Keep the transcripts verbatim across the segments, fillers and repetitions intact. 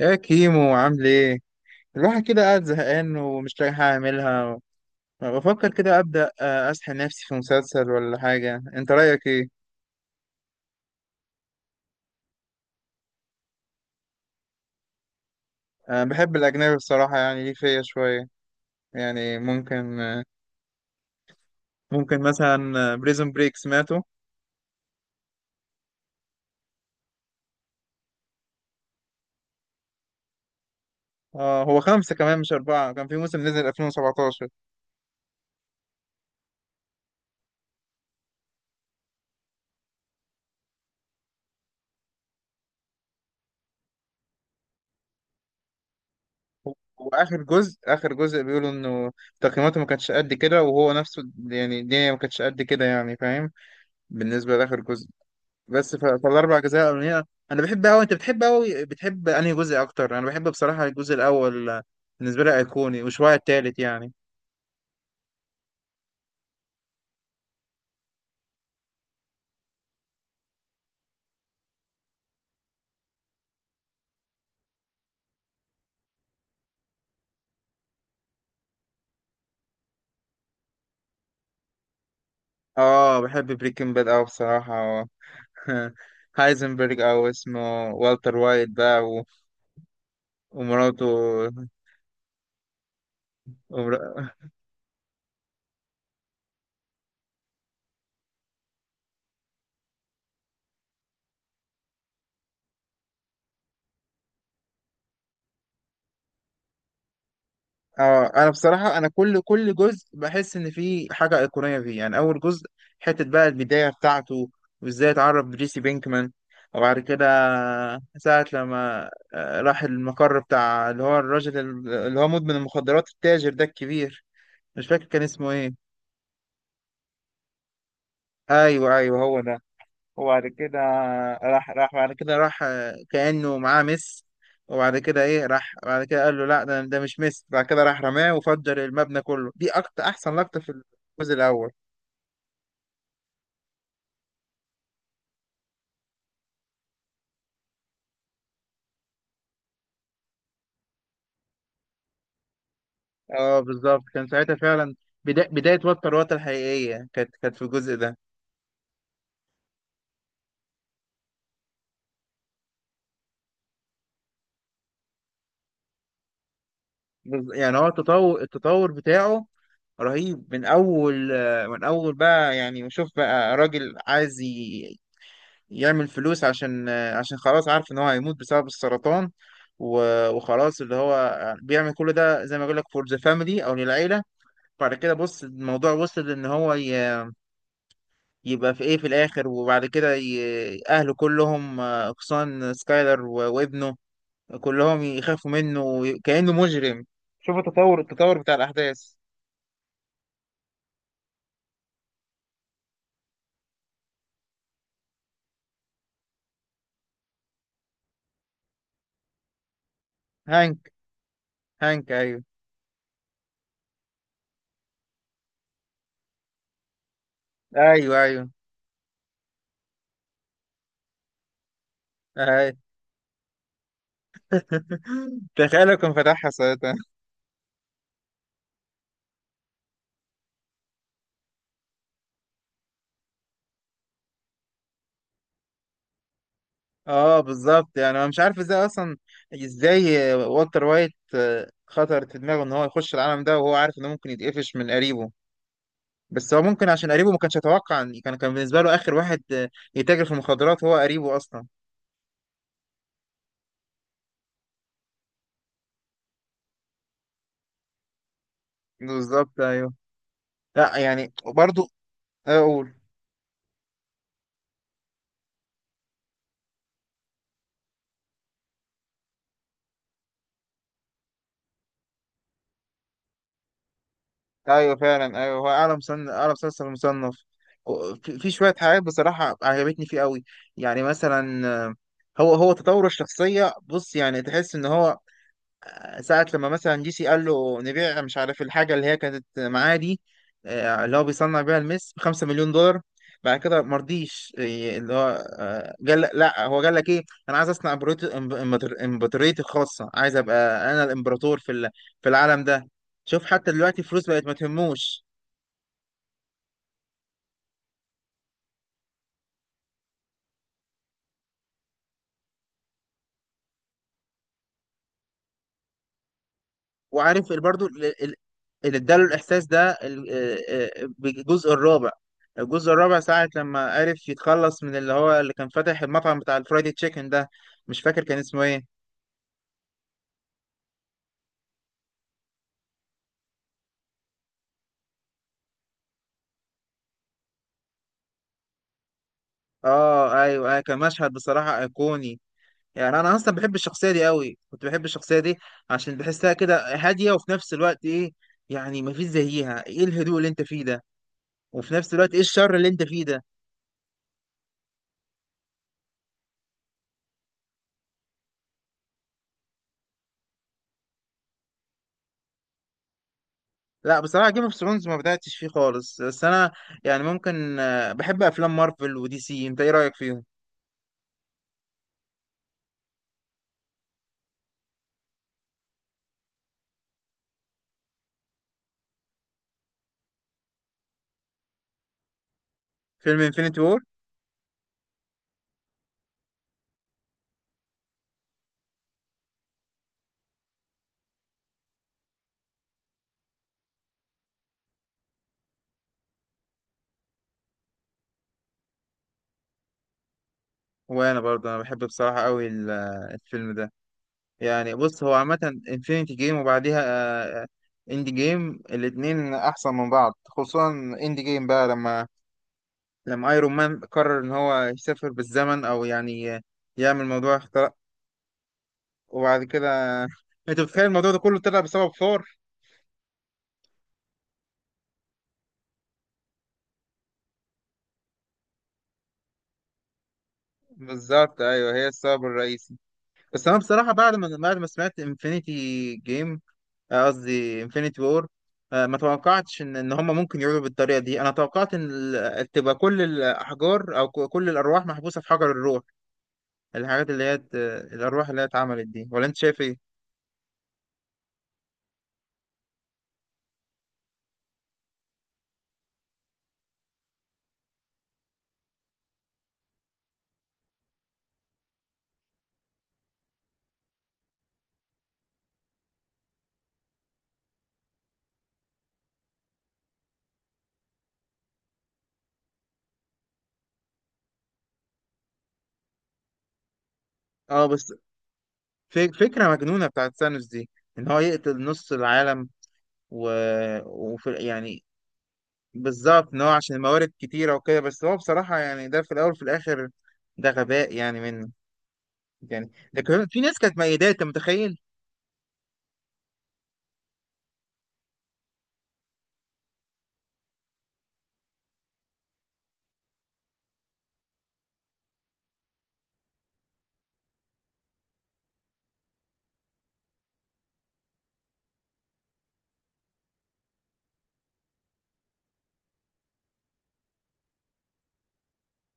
يا كيمو عامل ايه؟ الواحد كده قاعد زهقان ومش لاقي حاجة اعملها. بفكر كده ابدأ آه، اسحل نفسي في مسلسل ولا حاجة. انت رأيك ايه؟ أه، بحب الاجنبي بصراحة، يعني ليه فيا شوية. يعني ممكن آه، ممكن مثلا بريزون بريك سمعته. اه هو خمسة كمان مش أربعة، كان في موسم نزل ألفين وسبعتاشر. و- وآخر جزء آخر جزء بيقولوا إنه تقييماته ما كانتش قد كده، وهو نفسه يعني الدنيا ما كانتش قد كده، يعني فاهم، بالنسبة لآخر جزء. بس ف- فالاربع اجزاء الاولانيه انا بحب قوي. انت بتحب قوي، بتحب انهي جزء اكتر؟ انا بحب بصراحه الجزء الاول آه، بالنسبه لي ايقوني وشويه التالت يعني. اه بحب بريكنج باد قوي بصراحه آه. هايزنبرج او اسمه والتر وايت بقى و- ومراته. ومر... اه انا بصراحه انا كل كل جزء بحس ان فيه حاجه ايقونيه فيه. يعني اول جزء، حته بقى البدايه بتاعته، وازاي اتعرف بريسي بينكمان، وبعد كده ساعه لما آه، راح المقر بتاع اللي هو الراجل اللي هو مدمن المخدرات التاجر ده الكبير. مش فاكر كان اسمه ايه. ايوه ايوه هو ده. وبعد كده راح راح بعد كده راح آه، كأنه معاه ميس. وبعد كده ايه راح بعد كده قال له لا، ده, ده مش ميس. بعد كده راح رماه وفجر المبنى كله. دي اكتر احسن لقطة في الجزء الاول. اه بالظبط كان ساعتها فعلا بدا بداية وتر وتر الحقيقية، كانت كانت في الجزء ده. بز- يعني هو التطور التطور بتاعه رهيب من اول آه، من اول بقى. يعني شوف بقى راجل عايز ي- يعمل فلوس عشان عشان خلاص عارف ان هو هيموت بسبب السرطان. و- وخلاص اللي هو بيعمل كل ده زي ما بقول لك فور ذا فاميلي او للعيله. بعد كده بص الموضوع وصل ان هو ي- يبقى في ايه في الاخر. وبعد كده ي- اهله كلهم آه، اقصان سكايلر و- وابنه كلهم يخافوا منه وي- كانه مجرم. شوف التطور التطور بتاع الاحداث. هانك، هانك ايوه. ايوه ايوه, أيوة. تخيل لو كان فتحها ساعتها. اه بالظبط، يعني انا مش عارف ازاي اصلا. ازاي والتر وايت آه، خطرت في دماغه ان هو يخش العالم ده وهو عارف انه ممكن يتقفش من قريبه. بس هو ممكن عشان قريبه ما كانش يتوقع، إن- كان كان بالنسبه له اخر واحد آه، يتاجر في المخدرات هو قريبه اصلا. بالظبط ايوه. لا يعني برضو اقول. ايوه فعلا، ايوه هو اعلى مسن اعلى مسلسل مصنف. و- في في شويه حاجات بصراحه عجبتني فيه قوي. يعني مثلا آه، هو هو تطور الشخصيه، بص يعني تحس ان هو ساعة لما مثلا جي سي قال له نبيع مش عارف الحاجة اللي هي كانت معاه دي آه، اللي هو بيصنع بيها المس بخمسة مليون دولار. بعد كده مرضيش آه، اللي هو آه، قال لا، هو قال لك ايه، انا عايز اصنع إمبراط- إمبراطور- امبراطوريتي الخاصة، عايز ابقى انا الامبراطور في ال- في العالم ده. شوف حتى دلوقتي الفلوس بقت ما تهموش. وعارف ال- برضو ال- ال- اللي اداله الاحساس ده ال- آه، آه، بالجزء الرابع. الجزء الرابع ساعة لما عرف يتخلص من اللي هو اللي كان فاتح المطعم بتاع الفرايدي تشيكن ده. مش فاكر كان اسمه ايه. اه ايوه أيوة، كان مشهد بصراحة ايقوني. يعني انا اصلا بحب الشخصية دي قوي، كنت بحب الشخصية دي عشان بحسها كده هادية، وفي نفس الوقت ايه، يعني مفيش زيها. ايه الهدوء اللي انت فيه ده، وفي نفس الوقت ايه الشر اللي انت فيه ده. لا بصراحة جيم اوف ثرونز ما بدأتش فيه خالص. بس أنا يعني ممكن آه، بحب أفلام مارفل ودي سي، أنت إيه رأيك فيهم؟ فيلم انفينيتي وور. وأنا برضه أنا بحب بصراحة أوي ال- آه، الفيلم ده. يعني بص هو عامة انفينيتي جيم وبعديها آه، آه، اند جيم، الاتنين أحسن من بعض، خصوصا اند جيم بقى لما لما ايرون مان قرر إن هو يسافر بالزمن، أو يعني آه، يعمل موضوع اختراق. وبعد كده أنت بتخيل الموضوع ده كله طلع بسبب ثور. بالظبط أيوه هي السبب الرئيسي. بس انا بصراحه بعد ما بعد ما سمعت انفينيتي جيم، قصدي انفينيتي وور، ما توقعتش ان ان هم ممكن يعودوا بالطريقه دي. انا توقعت ان ال- تبقى كل الاحجار، او ك- كل الارواح محبوسه في حجر الروح، الحاجات اللي هي ات- الارواح اللي هي اتعملت دي، ولا انت شايف ايه؟ اه بس في- فكره مجنونه بتاعت ثانوس دي ان هو يقتل نص العالم و... وفي يعني بالظبط، ان هو عشان الموارد كتيره وكده. بس هو بصراحه يعني ده في الاول وفي الاخر ده غباء يعني منه. يعني ده كان- في ناس كانت ميداه، انت متخيل؟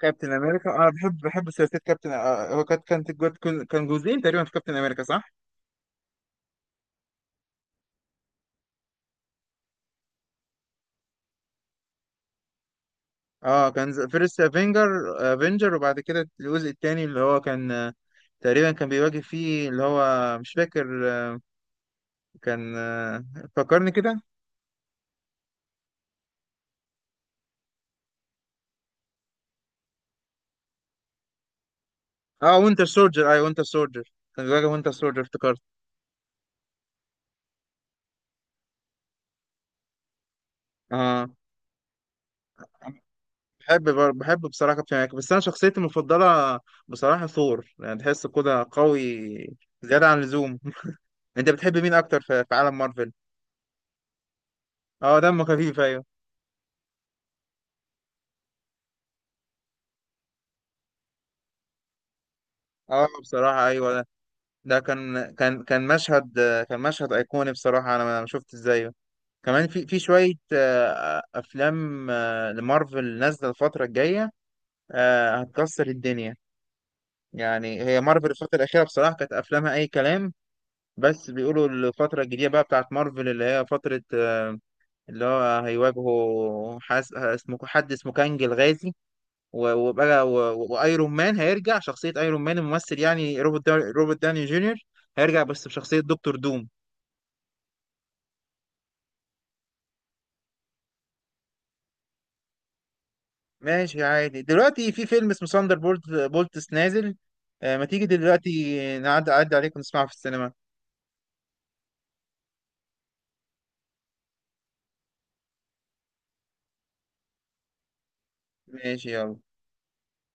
كابتن امريكا. انا بحب بحب ثلاثيه كابتن آه، هو كانت كانت جو- كان كان جزئين تقريبا في كابتن امريكا، صح؟ اه كان فيرست افنجر. افنجر وبعد كده الجزء الثاني اللي هو كان آه، تقريبا كان بيواجه فيه اللي هو مش فاكر آه، كان آه، فكرني كده. اه وينتر سولجر، اي وينتر سولجر، كان بيواجه وينتر سولجر افتكرت. اه بحب بر- بحب بصراحه كابتن امريكا. بس انا شخصيتي المفضله بصراحه ثور، يعني تحسه كده قوي زياده عن اللزوم. انت بتحب مين اكتر في في عالم مارفل؟ اه دمه خفيف، ايوه. اه بصراحه ايوه ده، ده كان كان كان مشهد، كان مشهد ايقوني بصراحه، انا ما شفت ازاي. كمان في في شويه آه، افلام آه، لمارفل نازله الفتره الجايه آه، هتكسر الدنيا. يعني هي مارفل الفتره الاخيره بصراحه كانت افلامها اي كلام. بس بيقولوا الفتره الجديده بقى بتاعت مارفل، اللي هي فتره آه، اللي هو هيواجهوا حاس اسمه حد اسمه كانج الغازي. و- وبقى و- و- وايرون مان هيرجع شخصية ايرون مان، الممثل يعني روبرت دا... روبرت داني جونيور، هيرجع بس بشخصية دكتور دوم. ماشي عادي. دلوقتي في فيلم اسمه ساندر بولت بولتس نازل، آه، ما تيجي دلوقتي نعدي أعدي عليك ونسمعه في السينما. ماشي يلا.